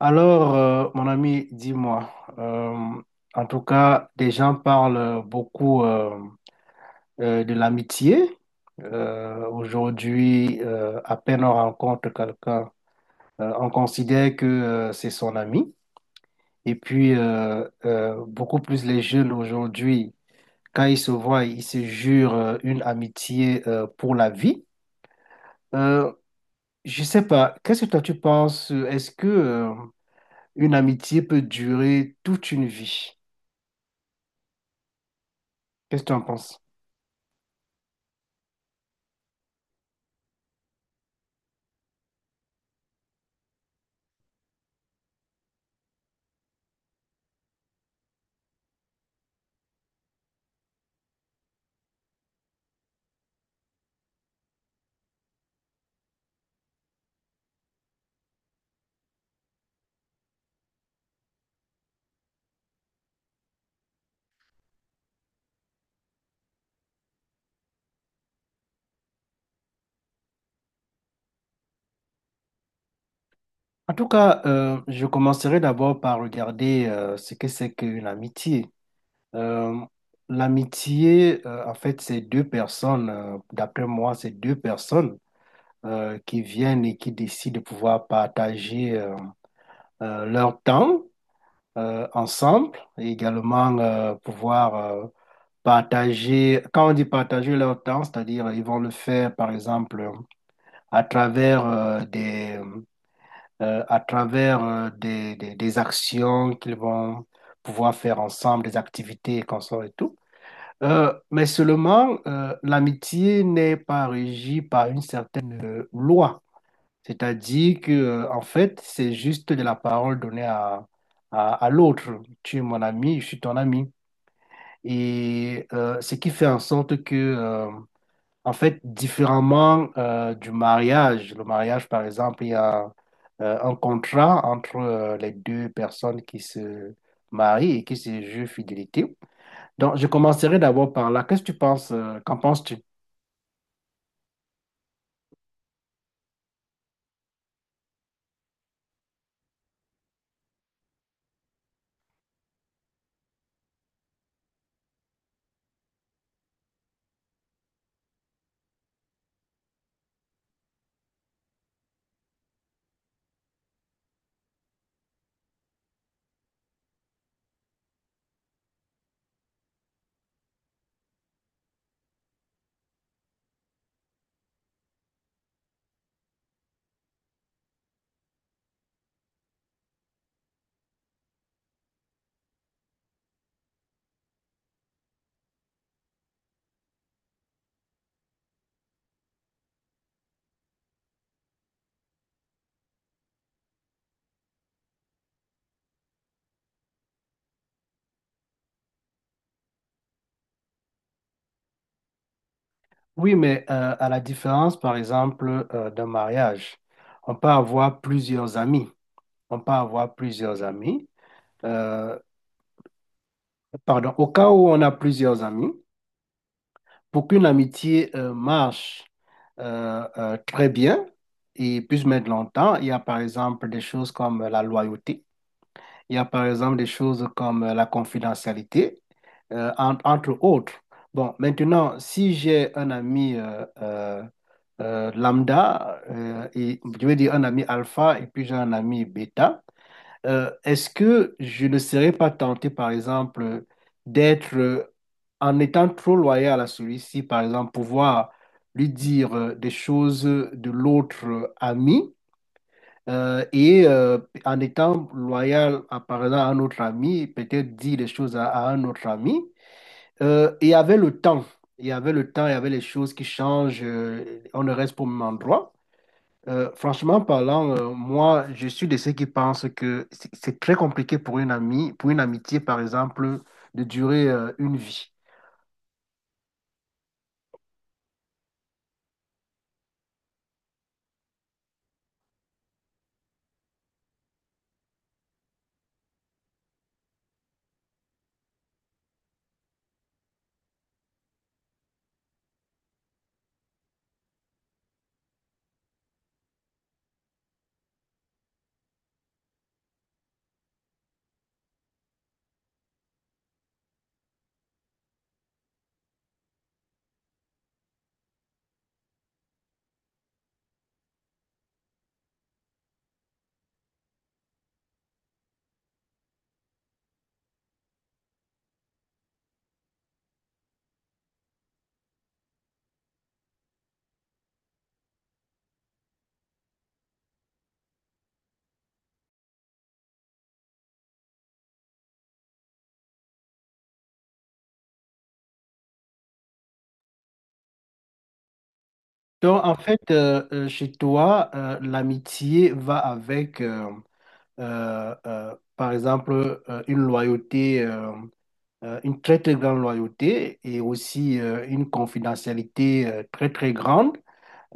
Alors, mon ami, dis-moi, euh, en tout cas, les gens parlent beaucoup de l'amitié. Aujourd'hui, à peine on rencontre quelqu'un, on considère que c'est son ami. Et puis, beaucoup plus les jeunes aujourd'hui, quand ils se voient, ils se jurent une amitié pour la vie. Euh, je sais pas, qu'est-ce que toi tu penses? Est-ce que une amitié peut durer toute une vie? Qu'est-ce que tu en penses? En tout cas, je commencerai d'abord par regarder ce que c'est que l'amitié. Euh, l'amitié, en fait, c'est deux personnes, d'après moi, c'est deux personnes qui viennent et qui décident de pouvoir partager leur temps ensemble et également pouvoir partager, quand on dit partager leur temps, c'est-à-dire ils vont le faire, par exemple, à travers des à travers des actions qu'ils vont pouvoir faire ensemble, des activités et consorts et tout. Mais seulement, l'amitié n'est pas régie par une certaine loi. C'est-à-dire que, en fait, c'est juste de la parole donnée à l'autre. Tu es mon ami, je suis ton ami. Et ce qui fait en sorte que en fait, différemment du mariage, le mariage, par exemple, il y a un contrat entre les deux personnes qui se marient et qui se jurent fidélité. Donc, je commencerai d'abord par là. Qu'est-ce que tu penses? Qu'en penses-tu? Oui, mais à la différence, par exemple, d'un mariage, on peut avoir plusieurs amis. On peut avoir plusieurs amis. Euh, pardon, au cas où on a plusieurs amis, pour qu'une amitié marche très bien et puisse mettre longtemps, il y a par exemple des choses comme la loyauté, il y a par exemple des choses comme la confidentialité, entre autres. Bon, maintenant, si j'ai un ami lambda, et, je veux dire un ami alpha et puis j'ai un ami bêta, est-ce que je ne serais pas tenté, par exemple, d'être, en étant trop loyal à celui-ci, par exemple, pouvoir lui dire des choses de l'autre ami euh, et euh, en étant loyal, par exemple, à un autre ami, peut-être dire des choses à un autre ami. Et avec le temps, et avec le temps, il y avait les choses qui changent, on ne reste pas au même endroit. Franchement parlant, moi, je suis de ceux qui pensent que c'est très compliqué pour une amie, pour une amitié, par exemple, de durer une vie. Donc, en fait, chez toi, l'amitié va avec, par exemple, une loyauté, une très, très grande loyauté et aussi une confidentialité très, très grande.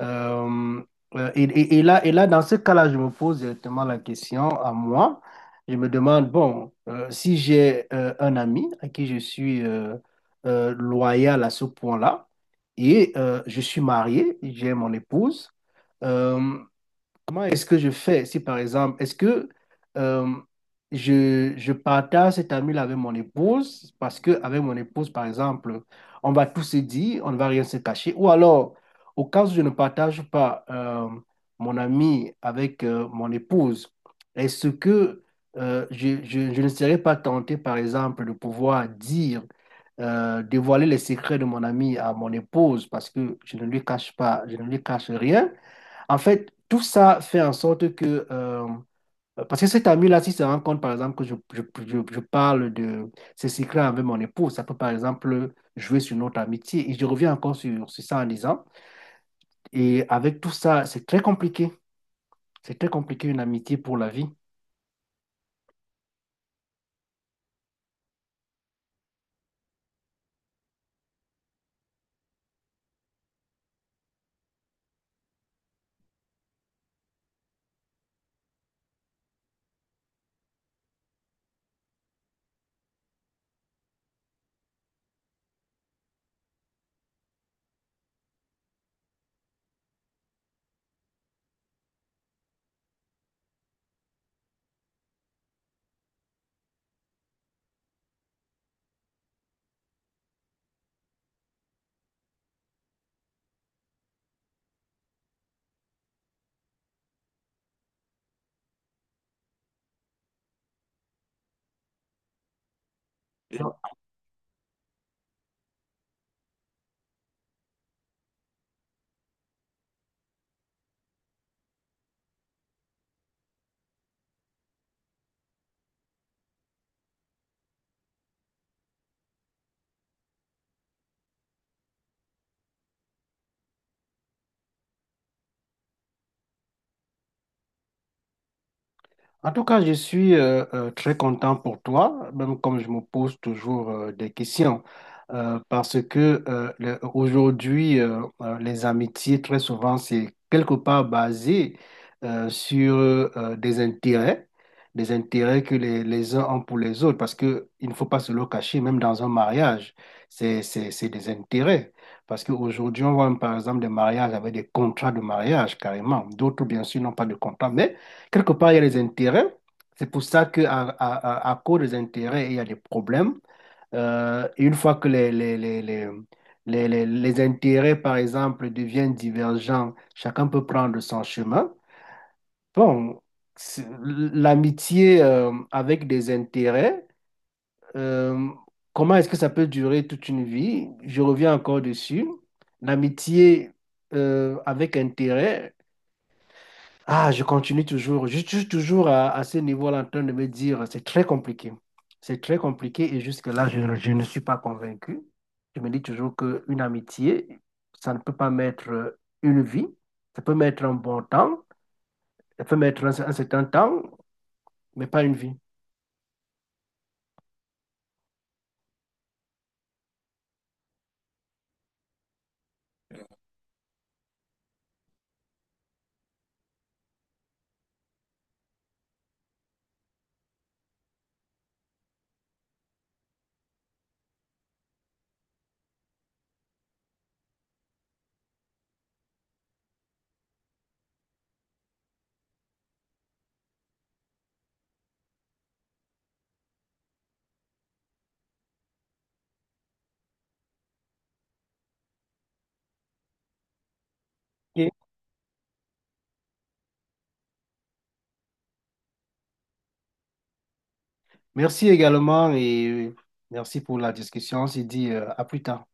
Euh, et, et là, dans ce cas-là, je me pose directement la question à moi. Je me demande, bon, si j'ai un ami à qui je suis loyal à ce point-là, et je suis marié, j'ai mon épouse, euh, comment est-ce que je fais si, par exemple, est-ce que euh, je partage cet ami-là avec mon épouse parce que avec mon épouse, par exemple, on va tout se dire, on ne va rien se cacher. Ou alors, au cas où je ne partage pas mon ami avec mon épouse, est-ce que je ne serais pas tenté, par exemple, de pouvoir dire, dévoiler les secrets de mon ami à mon épouse parce que je ne lui cache pas, je ne lui cache rien? En fait, tout ça fait en sorte que, parce que cet ami-là, si se rend compte, par exemple, que je parle de ces secrets avec mon épouse, ça peut, par exemple, jouer sur notre amitié. Et je reviens encore sur ça en disant, et avec tout ça, c'est très compliqué. C'est très compliqué une amitié pour la vie. Et en tout cas, je suis très content pour toi, même comme je me pose toujours des questions, parce que aujourd'hui, les amitiés, très souvent, c'est quelque part basé sur des intérêts que les uns ont pour les autres, parce que il ne faut pas se le cacher, même dans un mariage, c'est des intérêts. Parce qu'aujourd'hui, on voit par exemple des mariages avec des contrats de mariage carrément. D'autres, bien sûr, n'ont pas de contrat, mais quelque part, il y a les intérêts. C'est pour ça à cause des intérêts, il y a des problèmes. Et une fois que les intérêts, par exemple, deviennent divergents, chacun peut prendre son chemin. Bon, c'est- l'amitié avec des intérêts, euh, comment est-ce que ça peut durer toute une vie? Je reviens encore dessus. L'amitié avec intérêt. Ah, je continue toujours. Je suis toujours à ce niveau-là en train de me dire, c'est très compliqué. C'est très compliqué et jusque-là, je ne suis pas convaincu. Je me dis toujours qu'une amitié, ça ne peut pas mettre une vie. Ça peut mettre un bon temps, ça peut mettre un certain temps, mais pas une vie. Ok. Merci également et merci pour la discussion. On se dit à plus tard.